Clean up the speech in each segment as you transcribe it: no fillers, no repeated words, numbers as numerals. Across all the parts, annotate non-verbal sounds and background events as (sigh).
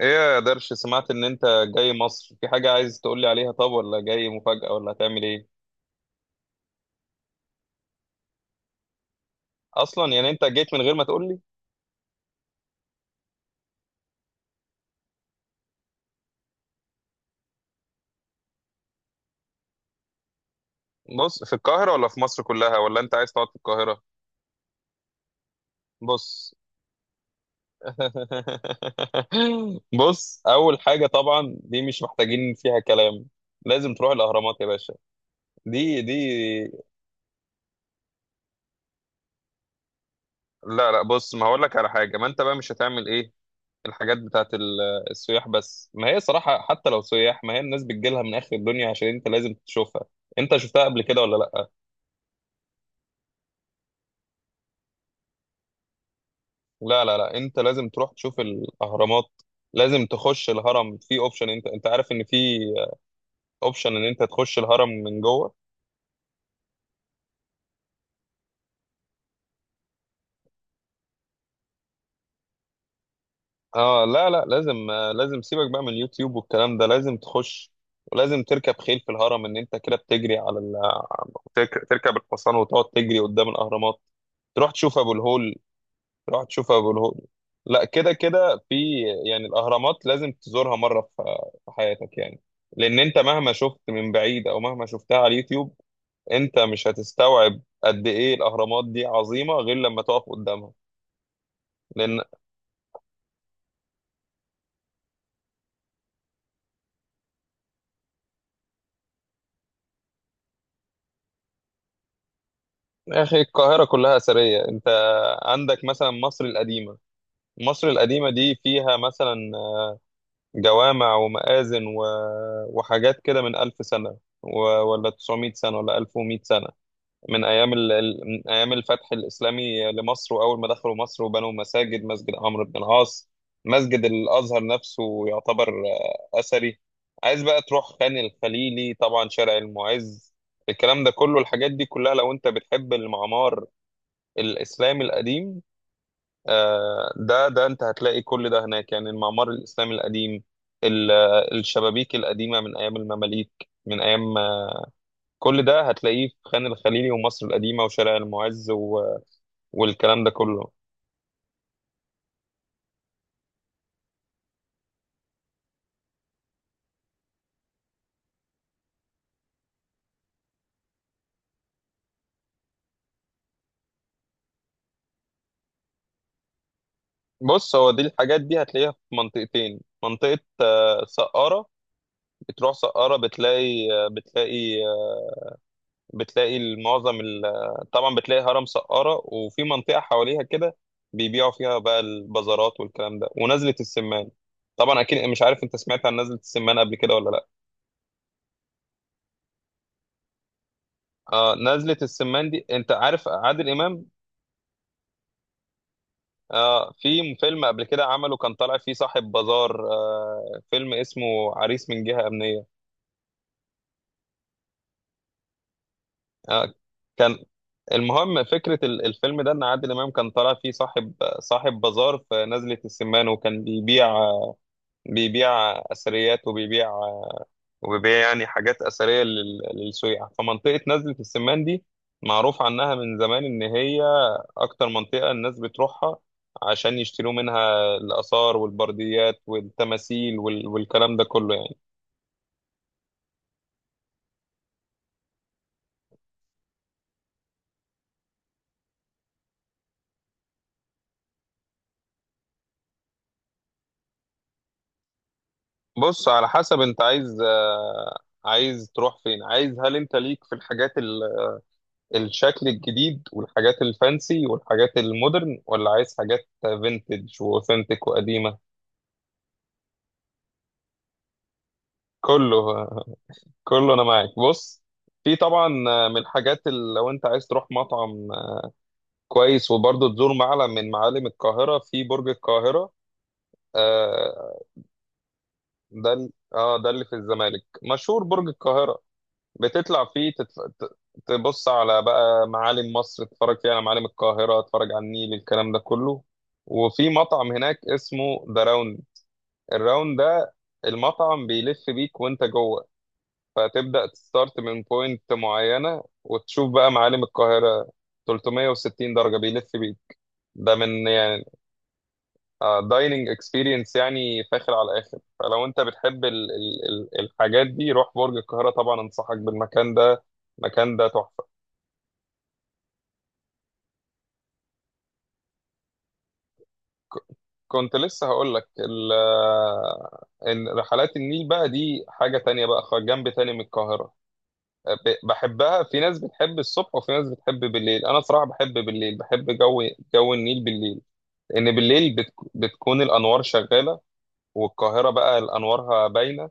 ايه يا درش، سمعت ان انت جاي مصر؟ في حاجة عايز تقولي عليها؟ طب ولا جاي مفاجأة، ولا هتعمل ايه؟ اصلا يعني انت جيت من غير ما تقولي؟ بص، في القاهرة ولا في مصر كلها، ولا انت عايز تقعد في القاهرة؟ بص. (laughs) بص، اول حاجة طبعا دي مش محتاجين فيها كلام. لازم تروح الاهرامات يا باشا. دي. لا لا، بص، ما هقول لك على حاجة، ما انت بقى مش هتعمل ايه. الحاجات بتاعت السياح، بس ما هي صراحة حتى لو سياح، ما هي الناس بتجيلها من آخر الدنيا عشان انت لازم تشوفها. انت شفتها قبل كده ولا لا؟ لا لا لا، انت لازم تروح تشوف الأهرامات. لازم تخش الهرم، في اوبشن، انت عارف ان في اوبشن ان انت تخش الهرم من جوه. اه لا لا، لازم لازم سيبك بقى من اليوتيوب والكلام ده، لازم تخش. ولازم تركب خيل في الهرم، ان انت كده بتجري على تركب الحصان وتقعد تجري قدام الأهرامات. تروح تشوف ابو الهول. تروح تشوف ابو الهول. لا، كده كده في، يعني الاهرامات لازم تزورها مره في حياتك يعني، لان انت مهما شفت من بعيد، او مهما شفتها على اليوتيوب، انت مش هتستوعب قد ايه الاهرامات دي عظيمه غير لما تقف قدامها. لان، يا اخي القاهره كلها اثريه. انت عندك مثلا مصر القديمه. مصر القديمه دي فيها مثلا جوامع ومآذن وحاجات كده من 1000 سنه ولا 900 سنه ولا 1100 سنه، من ايام الفتح الاسلامي لمصر، واول ما دخلوا مصر وبنوا مساجد، مسجد عمرو بن العاص، مسجد الازهر نفسه يعتبر اثري. عايز بقى تروح خان الخليلي، طبعا شارع المعز، الكلام ده كله، الحاجات دي كلها لو انت بتحب المعمار الاسلامي القديم. ده انت هتلاقي كل ده هناك، يعني المعمار الاسلامي القديم، الشبابيك القديمه من ايام المماليك، من ايام آه، كل ده هتلاقيه في خان الخليلي ومصر القديمه وشارع المعز والكلام ده كله. بص، هو دي الحاجات دي هتلاقيها في منطقتين، منطقة سقارة. بتروح سقارة، بتلاقي معظم طبعا بتلاقي هرم سقارة، وفي منطقة حواليها كده بيبيعوا فيها بقى البازارات والكلام ده، ونزلة السمان. طبعا اكيد مش عارف، انت سمعت عن نزلة السمان قبل كده ولا لا؟ نزلة السمان دي، انت عارف عادل امام، في فيلم قبل كده عمله كان طالع فيه صاحب بازار، فيلم اسمه عريس من جهة أمنية. آه، كان، المهم فكرة الفيلم ده، إن عادل إمام كان طالع فيه صاحب بازار في نزلة السمان، وكان بيبيع أثريات، وبيبيع، وبيبيع يعني حاجات أثرية للسياح. فمنطقة نزلة السمان دي معروف عنها من زمان إن هي أكتر منطقة الناس بتروحها عشان يشتروا منها الآثار والبرديات والتماثيل والكلام ده كله يعني. بص، على حسب أنت عايز، عايز تروح فين، عايز، هل أنت ليك في الحاجات الشكل الجديد والحاجات الفانسي والحاجات المودرن، ولا عايز حاجات فينتج واوثنتيك وقديمة؟ كله، كله انا معاك. بص، في طبعا من الحاجات اللي لو انت عايز تروح مطعم كويس وبرضه تزور معلم من معالم القاهرة، في برج القاهرة. آه ده ال- اه ده اللي في الزمالك، مشهور برج القاهرة. بتطلع فيه تبص على بقى معالم مصر، تتفرج فيها على معالم القاهرة، تتفرج على النيل، الكلام ده كله. وفي مطعم هناك اسمه ذا الراوند، ده المطعم بيلف بيك وانت جوه، فتبدأ تستارت من بوينت معينة وتشوف بقى معالم القاهرة، 360 درجة بيلف بيك، ده من يعني دايننج اكسبيرينس، يعني فاخر على الاخر. فلو انت بتحب ال الحاجات دي، روح برج القاهرة، طبعا انصحك بالمكان ده، المكان ده تحفة. ك- كنت لسه هقول لك ان رحلات النيل بقى دي حاجة تانية بقى، جنب تاني من القاهرة. بحبها. في ناس بتحب الصبح وفي ناس بتحب بالليل، انا صراحة بحب بالليل، بحب جو النيل بالليل، لان بالليل بتكون الانوار شغالة، والقاهرة بقى الانوارها باينة،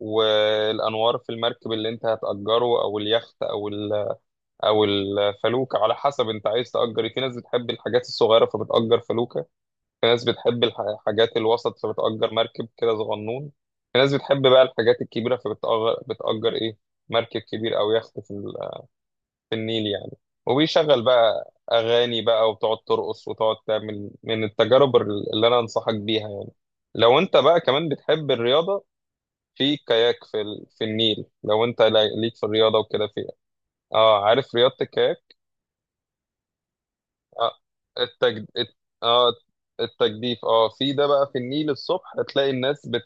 والانوار في المركب اللي انت هتأجره او اليخت او الفلوكة، على حسب انت عايز تأجر إيه. في ناس بتحب الحاجات الصغيرة فبتأجر فلوكة، في ناس بتحب الحاجات الوسط فبتأجر مركب كده صغنون، في ناس بتحب بقى الحاجات الكبيرة فبتأجر ايه، مركب كبير او يخت في النيل يعني، وبيشغل بقى أغاني بقى وتقعد ترقص وتقعد تعمل، من التجارب اللي أنا أنصحك بيها يعني. لو أنت بقى كمان بتحب الرياضة، في كاياك في النيل. لو أنت ليك في الرياضة وكده فيها. عارف رياضة الكاياك؟ أه التجد... الت... أه التجديف، في ده بقى في النيل الصبح هتلاقي الناس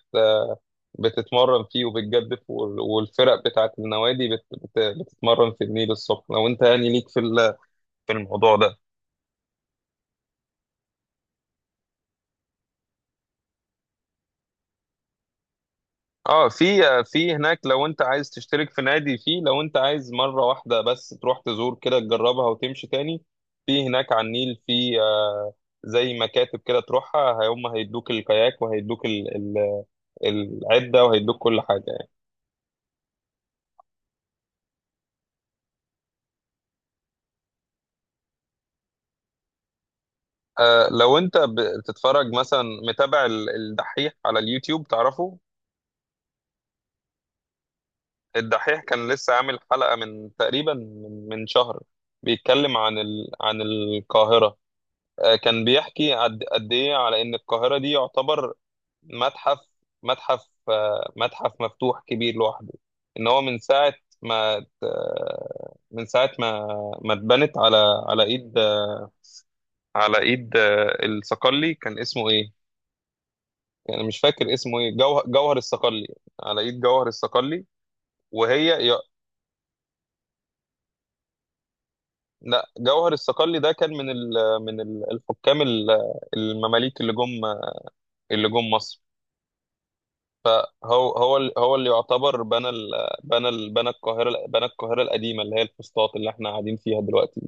بتتمرن فيه وبتجدف، والفرق بتاعت النوادي بتتمرن في النيل الصبح، لو أنت يعني ليك في الموضوع ده. اه، في في هناك، لو انت عايز تشترك في نادي، فيه لو انت عايز مرة واحدة بس تروح تزور كده تجربها وتمشي تاني، في هناك على النيل في آه، زي مكاتب كده تروحها، هم هيدوك الكاياك وهيدوك العدة وهيدوك كل حاجة يعني. لو انت بتتفرج مثلا، متابع الدحيح على اليوتيوب تعرفه؟ الدحيح كان لسه عامل حلقة من تقريبا من شهر، بيتكلم عن عن القاهرة. كان بيحكي قد ايه على ان القاهره دي يعتبر متحف متحف مفتوح كبير لوحده، ان هو من ساعه ما ت- آه، من ساعه ما اتبنت على على ايد على ايد آه، الصقلي، كان اسمه ايه؟ يعني مش فاكر اسمه ايه، جوهر الصقلي، على ايد جوهر الصقلي، وهي ي- لا جوهر الصقلي ده كان الحكام المماليك اللي جم مصر. هو اللي يعتبر بنى القاهره القديمه اللي هي الفسطاط اللي احنا قاعدين فيها دلوقتي.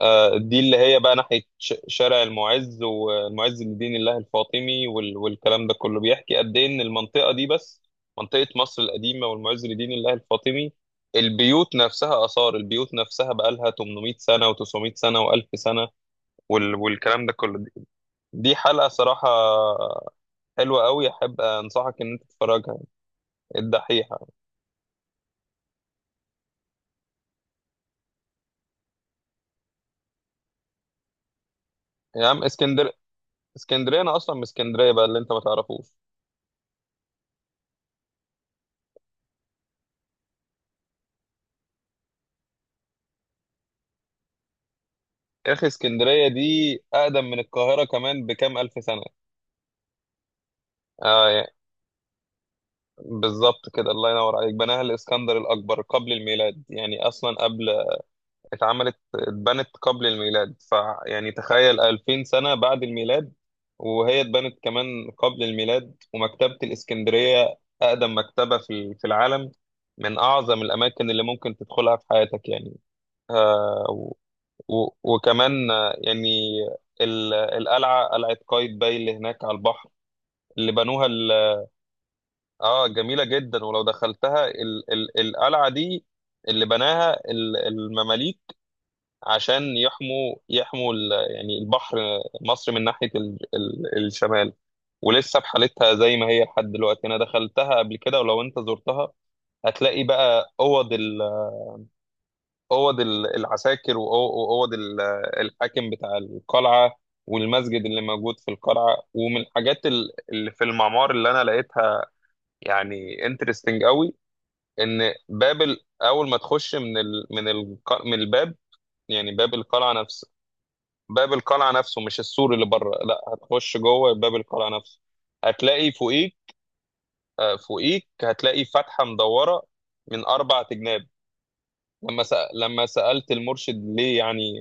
دي اللي هي بقى ناحيه شارع المعز والمعز لدين الله الفاطمي والكلام ده كله. بيحكي قد ايه ان المنطقه دي بس، منطقه مصر القديمه والمعز لدين الله الفاطمي، البيوت نفسها، اثار البيوت نفسها بقى لها 800 سنه و900 سنه و1000 سنه والكلام ده كله. دي حلقه صراحه حلوه قوي، احب انصحك ان انت تتفرجها، الدحيح. يا عم اسكندر، اسكندريه انا اصلا من اسكندريه بقى، اللي انت ما تعرفوش. يا اخي اسكندريه دي اقدم من القاهره كمان بكام الف سنه. اه يعني، بالظبط كده، الله ينور عليك، بناها الاسكندر الاكبر قبل الميلاد، يعني اصلا قبل، اتبنت قبل الميلاد، فيعني تخيل 2000 سنه بعد الميلاد وهي اتبنت كمان قبل الميلاد. ومكتبه الاسكندريه اقدم مكتبه في العالم، من اعظم الاماكن اللي ممكن تدخلها في حياتك يعني. آه، وكمان يعني القلعة، قلعة قايتباي اللي هناك على البحر، اللي بنوها اه جميلة جدا، ولو دخلتها، ال ال القلعة دي اللي بناها المماليك عشان يحموا يعني البحر، مصر من ناحية ال الشمال، ولسه بحالتها زي ما هي لحد دلوقتي. انا دخلتها قبل كده، ولو انت زرتها هتلاقي بقى اوض، العساكر واوض ال- الحاكم بتاع القلعه، والمسجد اللي موجود في القلعه. ومن الحاجات اللي في المعمار اللي انا لقيتها يعني انترستنج قوي، ان باب اول ما تخش من الباب، يعني باب القلعه نفسه، باب القلعه نفسه مش السور اللي بره، لا، هتخش جوه باب القلعه نفسه، هتلاقي فوقيك فتحه مدوره من اربع تجناب. لما سألت المرشد ليه يعني،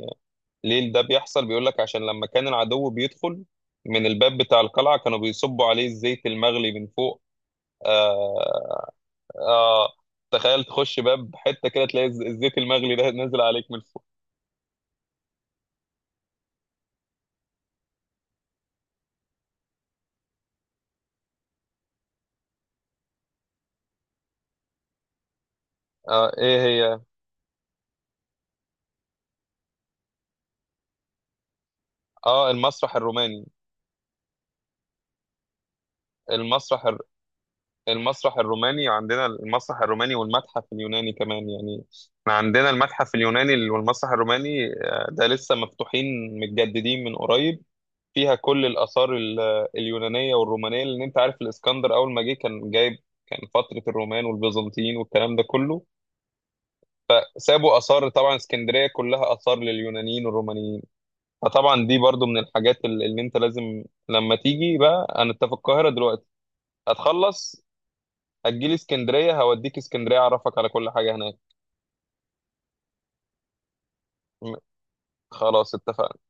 ليه ده بيحصل، بيقول لك عشان لما كان العدو بيدخل من الباب بتاع القلعة كانوا بيصبوا عليه الزيت المغلي من فوق. آه آه تخيل، تخش باب حتة كده تلاقي الزيت المغلي ده نازل عليك من فوق. ايه هي؟ اه، المسرح الروماني، المسرح الر... المسرح الروماني عندنا، المسرح الروماني والمتحف اليوناني كمان يعني، احنا عندنا المتحف اليوناني والمسرح الروماني، ده لسه مفتوحين متجددين من قريب، فيها كل الآثار اليونانية والرومانية، لأن أنت عارف الإسكندر أول ما جه كان جايب، كان فترة الرومان والبيزنطيين والكلام ده كله، سابوا آثار، طبعا اسكندرية كلها آثار لليونانيين والرومانيين. فطبعا دي برضو من الحاجات اللي أنت لازم، لما تيجي بقى، أنا أنت في القاهرة دلوقتي هتخلص، هتجيلي اسكندرية، هوديك اسكندرية، أعرفك على كل حاجة هناك. م- خلاص اتفقنا.